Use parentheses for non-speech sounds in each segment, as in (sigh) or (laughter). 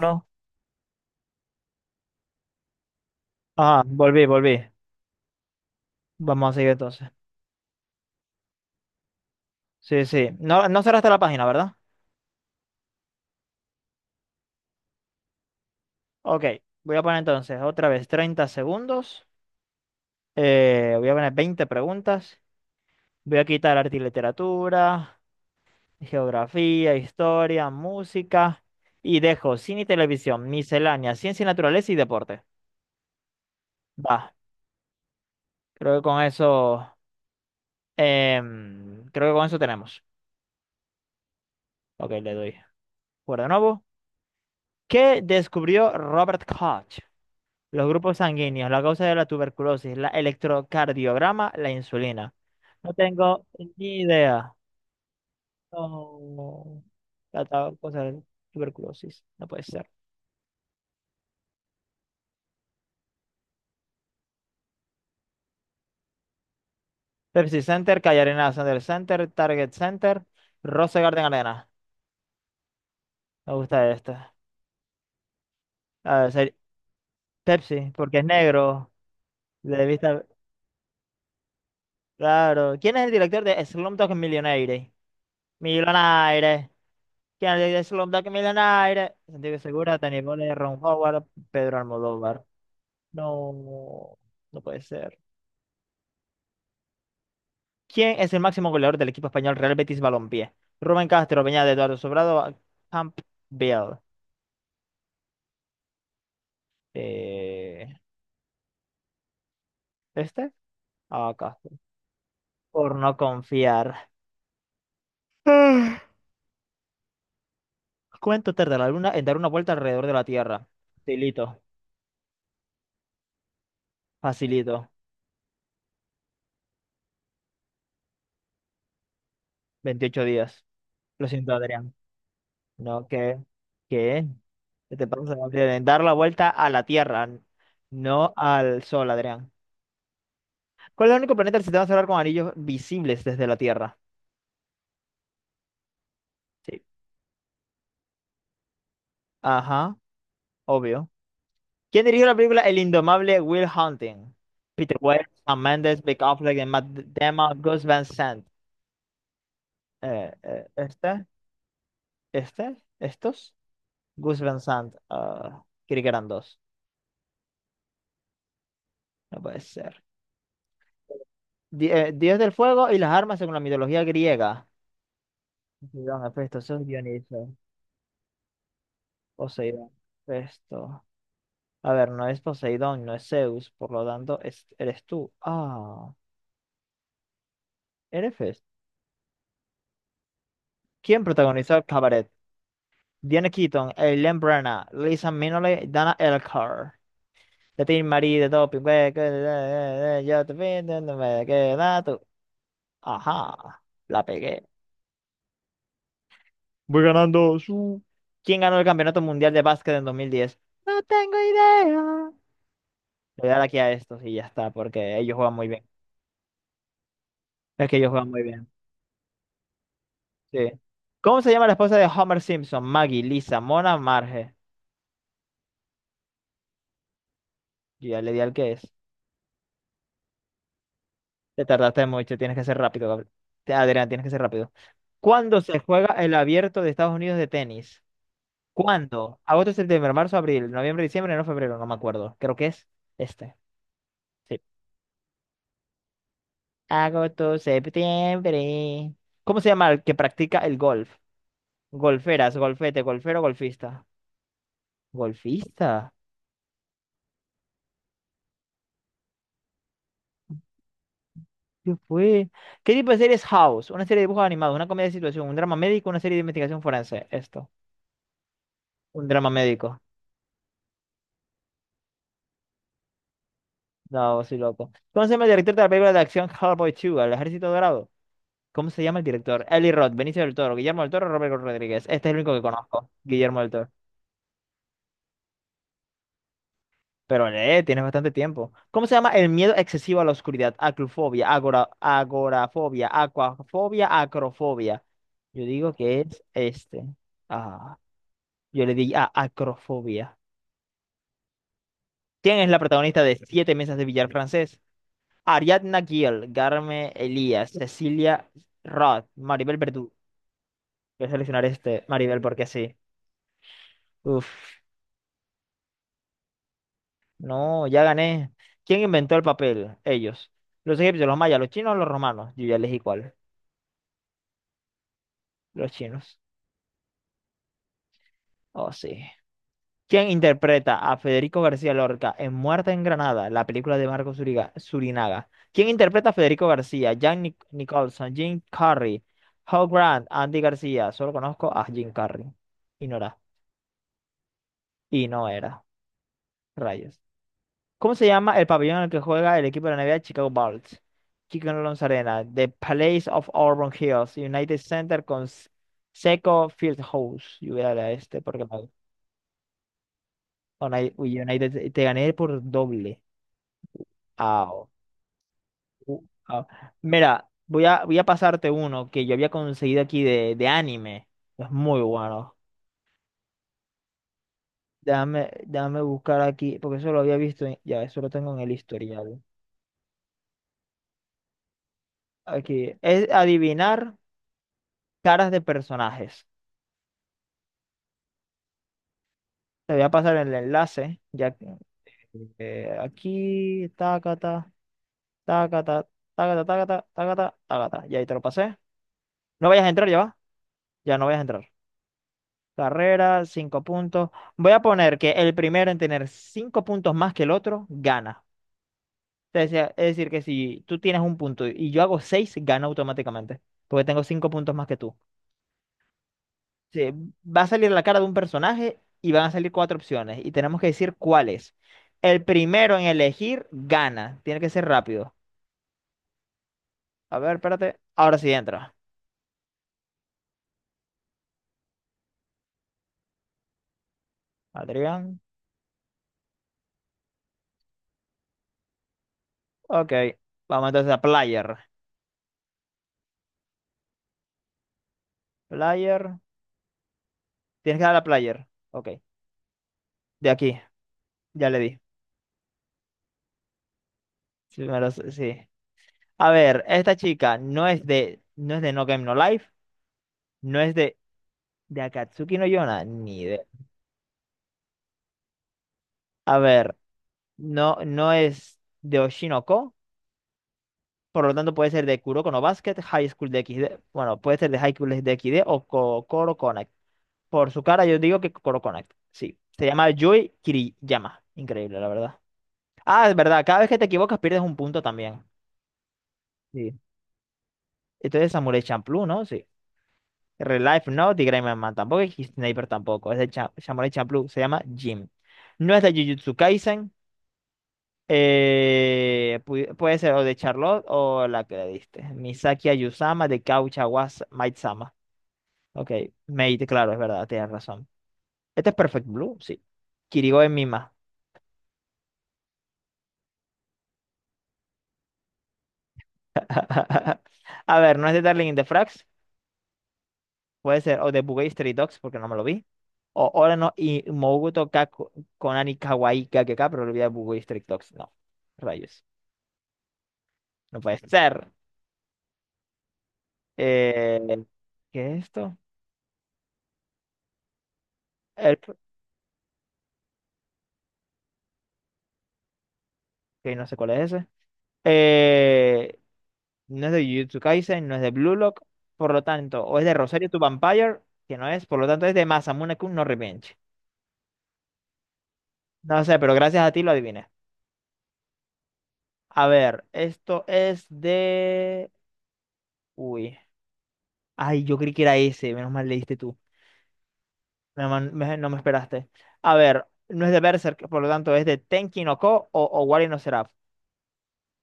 No. Ajá, volví, volví. Vamos a seguir entonces. Sí, sí. No, no cerraste la página, ¿verdad? Ok, voy a poner entonces otra vez 30 segundos. Voy a poner 20 preguntas. Voy a quitar arte y literatura, geografía, historia, música. Y dejo cine y televisión, miscelánea, ciencia y naturaleza y deporte. Va, creo que con eso, creo que con eso tenemos. Ok, le doy. Por de nuevo. ¿Qué descubrió Robert Koch? Los grupos sanguíneos, la causa de la tuberculosis, la electrocardiograma, la insulina. No tengo ni idea. No. La causa de la tuberculosis. No puede ser. Pepsi Center, Calle Arena, Sander Center, Target Center, Rose Garden Arena. Me gusta esta. A ver, Pepsi, porque es negro. De vista. Claro. ¿Quién es el director de Slumdog Millionaire? Millionaire. Kennedy Slumdog Millionaire, Santiago Segura, Danny Boyle, Ron Howard, Pedro Almodóvar. No, no puede ser. ¿Quién es el máximo goleador del equipo español Real Betis Balompié? Rubén Castro, Beñat, Eduardo Sobrado, Campbell. Eh, ¿Este? Ah, Castro. Por no confiar. (sighs) Ah. ¿Cuánto tarda la luna en dar una vuelta alrededor de la Tierra? Facilito, facilito. 28 días. Lo siento, Adrián. No, ¿qué? ¿Qué? ¿Qué te pasa, Gabriel? Dar la vuelta a la Tierra, no al Sol, Adrián. ¿Cuál es el único planeta del sistema solar con anillos visibles desde la Tierra? Sí. Ajá, obvio. ¿Quién dirigió la película El indomable Will Hunting? Peter Weir, Sam Mendes, Big Affleck, y Matt Damon, Gus Van Sant. ¿Este? ¿Este? ¿Estos? Gus Van Sant. Creí que eran dos. No puede ser. Dios del fuego y las armas según la mitología griega. Poseidón, Hefesto, eso es Dioniso. Poseidón, Hefesto. A ver, no es Poseidón, no es Zeus, por lo tanto, eres tú. Ah, eres Hefesto. ¿Quién protagonizó el cabaret? Diane Keaton, Eileen Brenna, Lisa Minnelli, Dana Elcar. De ti, Marie, de Doping, güey, yo te pido, no me queda tú. Ajá, la pegué. Voy ganando su. ¿Quién ganó el Campeonato Mundial de Básquet en 2010? No tengo idea. Le voy a dar aquí a estos y ya está, porque ellos juegan muy bien. Es que ellos juegan muy bien. Sí. ¿Cómo se llama la esposa de Homer Simpson? Maggie, Lisa, Mona, Marge. Yo ya le di al que es. Te tardaste mucho, tienes que ser rápido, Gabriel. Adrián, tienes que ser rápido. ¿Cuándo se juega el abierto de Estados Unidos de tenis? ¿Cuándo? Agosto, septiembre, marzo, abril, noviembre, diciembre, no febrero, no me acuerdo. Creo que es este. Sí. Agosto, septiembre. ¿Cómo se llama el que practica el golf? Golferas, golfete, golfero, golfista. Golfista. ¿Qué fue? ¿Qué tipo de serie es House? Una serie de dibujos animados, una comedia de situación, un drama médico, una serie de investigación forense. Esto, un drama médico. No, soy loco. ¿Cómo se llama el director de la película de acción Hellboy 2, El Ejército Dorado? ¿Cómo se llama el director? Eli Roth, Benicio del Toro, Guillermo del Toro, Robert Rodríguez. Este es el único que conozco, Guillermo del Toro. Pero lee, tienes bastante tiempo. ¿Cómo se llama el miedo excesivo a la oscuridad? Aclufobia, agora, agorafobia, acuafobia, acrofobia. Yo digo que es este. Ah, yo le di a acrofobia. ¿Quién es la protagonista de Siete Mesas de Billar Francés? Ariadna Gill, Garme Elías, Cecilia Roth, Maribel Verdú. Voy a seleccionar este, Maribel, porque así. Uf, no, ya gané. ¿Quién inventó el papel? Ellos. Los egipcios, los mayas, los chinos, los romanos. Yo ya elegí cuál. Los chinos. Oh, sí. ¿Quién interpreta a Federico García Lorca en Muerte en Granada, la película de Marco Surinaga? ¿Quién interpreta a Federico García? Jack Nicholson, Jim Carrey, Hugh Grant, Andy García. Solo conozco a Jim Carrey. Y no era. Y no era. Rayos. ¿Cómo se llama el pabellón en el que juega el equipo de la NBA Chicago Bulls? Chicago Alonso Arena, The Palace of Auburn Hills, United Center con Seco Fieldhouse. Yo voy a darle a este porque me... United, United te gané por doble. Ah, Uh, ah, Mira, voy a pasarte uno que yo había conseguido aquí de anime. Es muy bueno. Déjame, déjame buscar aquí, porque eso lo había visto. Ya, eso lo tengo en el historial. Aquí. Es adivinar caras de personajes. Te voy a pasar el enlace. Ya, que, aquí, tacata, tacata, tacata, tacata, tacata, tacata. Ya ahí te lo pasé. No vayas a entrar, ya va. Ya no vayas a entrar. Carrera, cinco puntos. Voy a poner que el primero en tener cinco puntos más que el otro gana. Es decir, que si tú tienes un punto y yo hago seis, gana automáticamente. Porque tengo cinco puntos más que tú. Sí, va a salir la cara de un personaje y van a salir cuatro opciones. Y tenemos que decir cuáles. El primero en elegir gana. Tiene que ser rápido. A ver, espérate. Ahora sí entra. Adrián. Ok. Vamos entonces a player. Player. Tienes que dar a player. Ok. De aquí. Ya le di. Sí, me lo sé, sí. A ver, esta chica no es de No Game No Life, no es de Akatsuki no Yona, ni de. A ver, no, no es de Oshinoko, por lo tanto puede ser de Kuroko no Basket, High School de X XD, bueno, puede ser de High School de X XD o Kokoro Connect. Por su cara yo digo que Kokoro Connect, sí. Se llama Yui Kiriyama, increíble, la verdad. Ah, es verdad, cada vez que te equivocas pierdes un punto también. Sí. Entonces Samurai Champloo, ¿no? Sí. Real Life no, Tigray Man tampoco y Sniper tampoco. Es de Samurai Champloo, se llama Jim. No es de Jujutsu Kaisen. Puede ser o de Charlotte o la que le diste. Misaki Ayusama de Kaucha wa Maid-sama. Ok, Maid, claro, es verdad, tienes razón. Este es Perfect Blue, sí. Kirigo es Mima. (laughs) A ver, no es de Darling in the Franxx. Puede ser, o Debuggy Street Dogs, porque no me lo vi. O ahora no y Moguto ka Konani Kawaii KKK, pero lo vi a Debuggy Street Dogs. No, rayos. No puede ser. Eh, ¿Qué es esto? El, que no sé cuál es ese. Eh, no es de Jujutsu Kaisen, no es de Blue Lock, por lo tanto, o es de Rosario to Vampire, que no es, por lo tanto es de Masamune-kun no Revenge. No sé, pero gracias a ti lo adiviné. A ver, esto es de... Uy. Ay, yo creí que era ese, menos mal leíste tú. No me esperaste. A ver, no es de Berserk, por lo tanto es de Tenki no Ko o Wari no Seraph.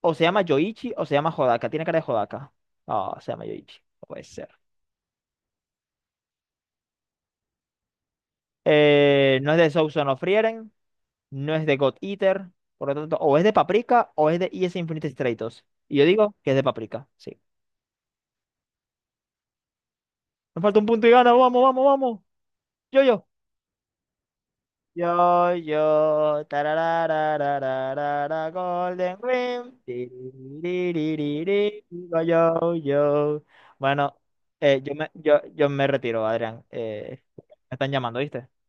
O se llama Yoichi o se llama Hodaka. Tiene cara de Hodaka. Ah, se llama Yoichi. No puede ser. No es de Soul Son of Frieren. No es de God Eater. Por lo tanto, o es de Paprika o es de ES Infinite Stratos. Y yo digo que es de Paprika. Sí. Me falta un punto y gana. Vamos, vamos, vamos. Yo, yo. Yo, tararararararara, Golden Rim, tiriririri, digo yo, yo. Bueno, yo me retiro, Adrián. Me están llamando, ¿viste?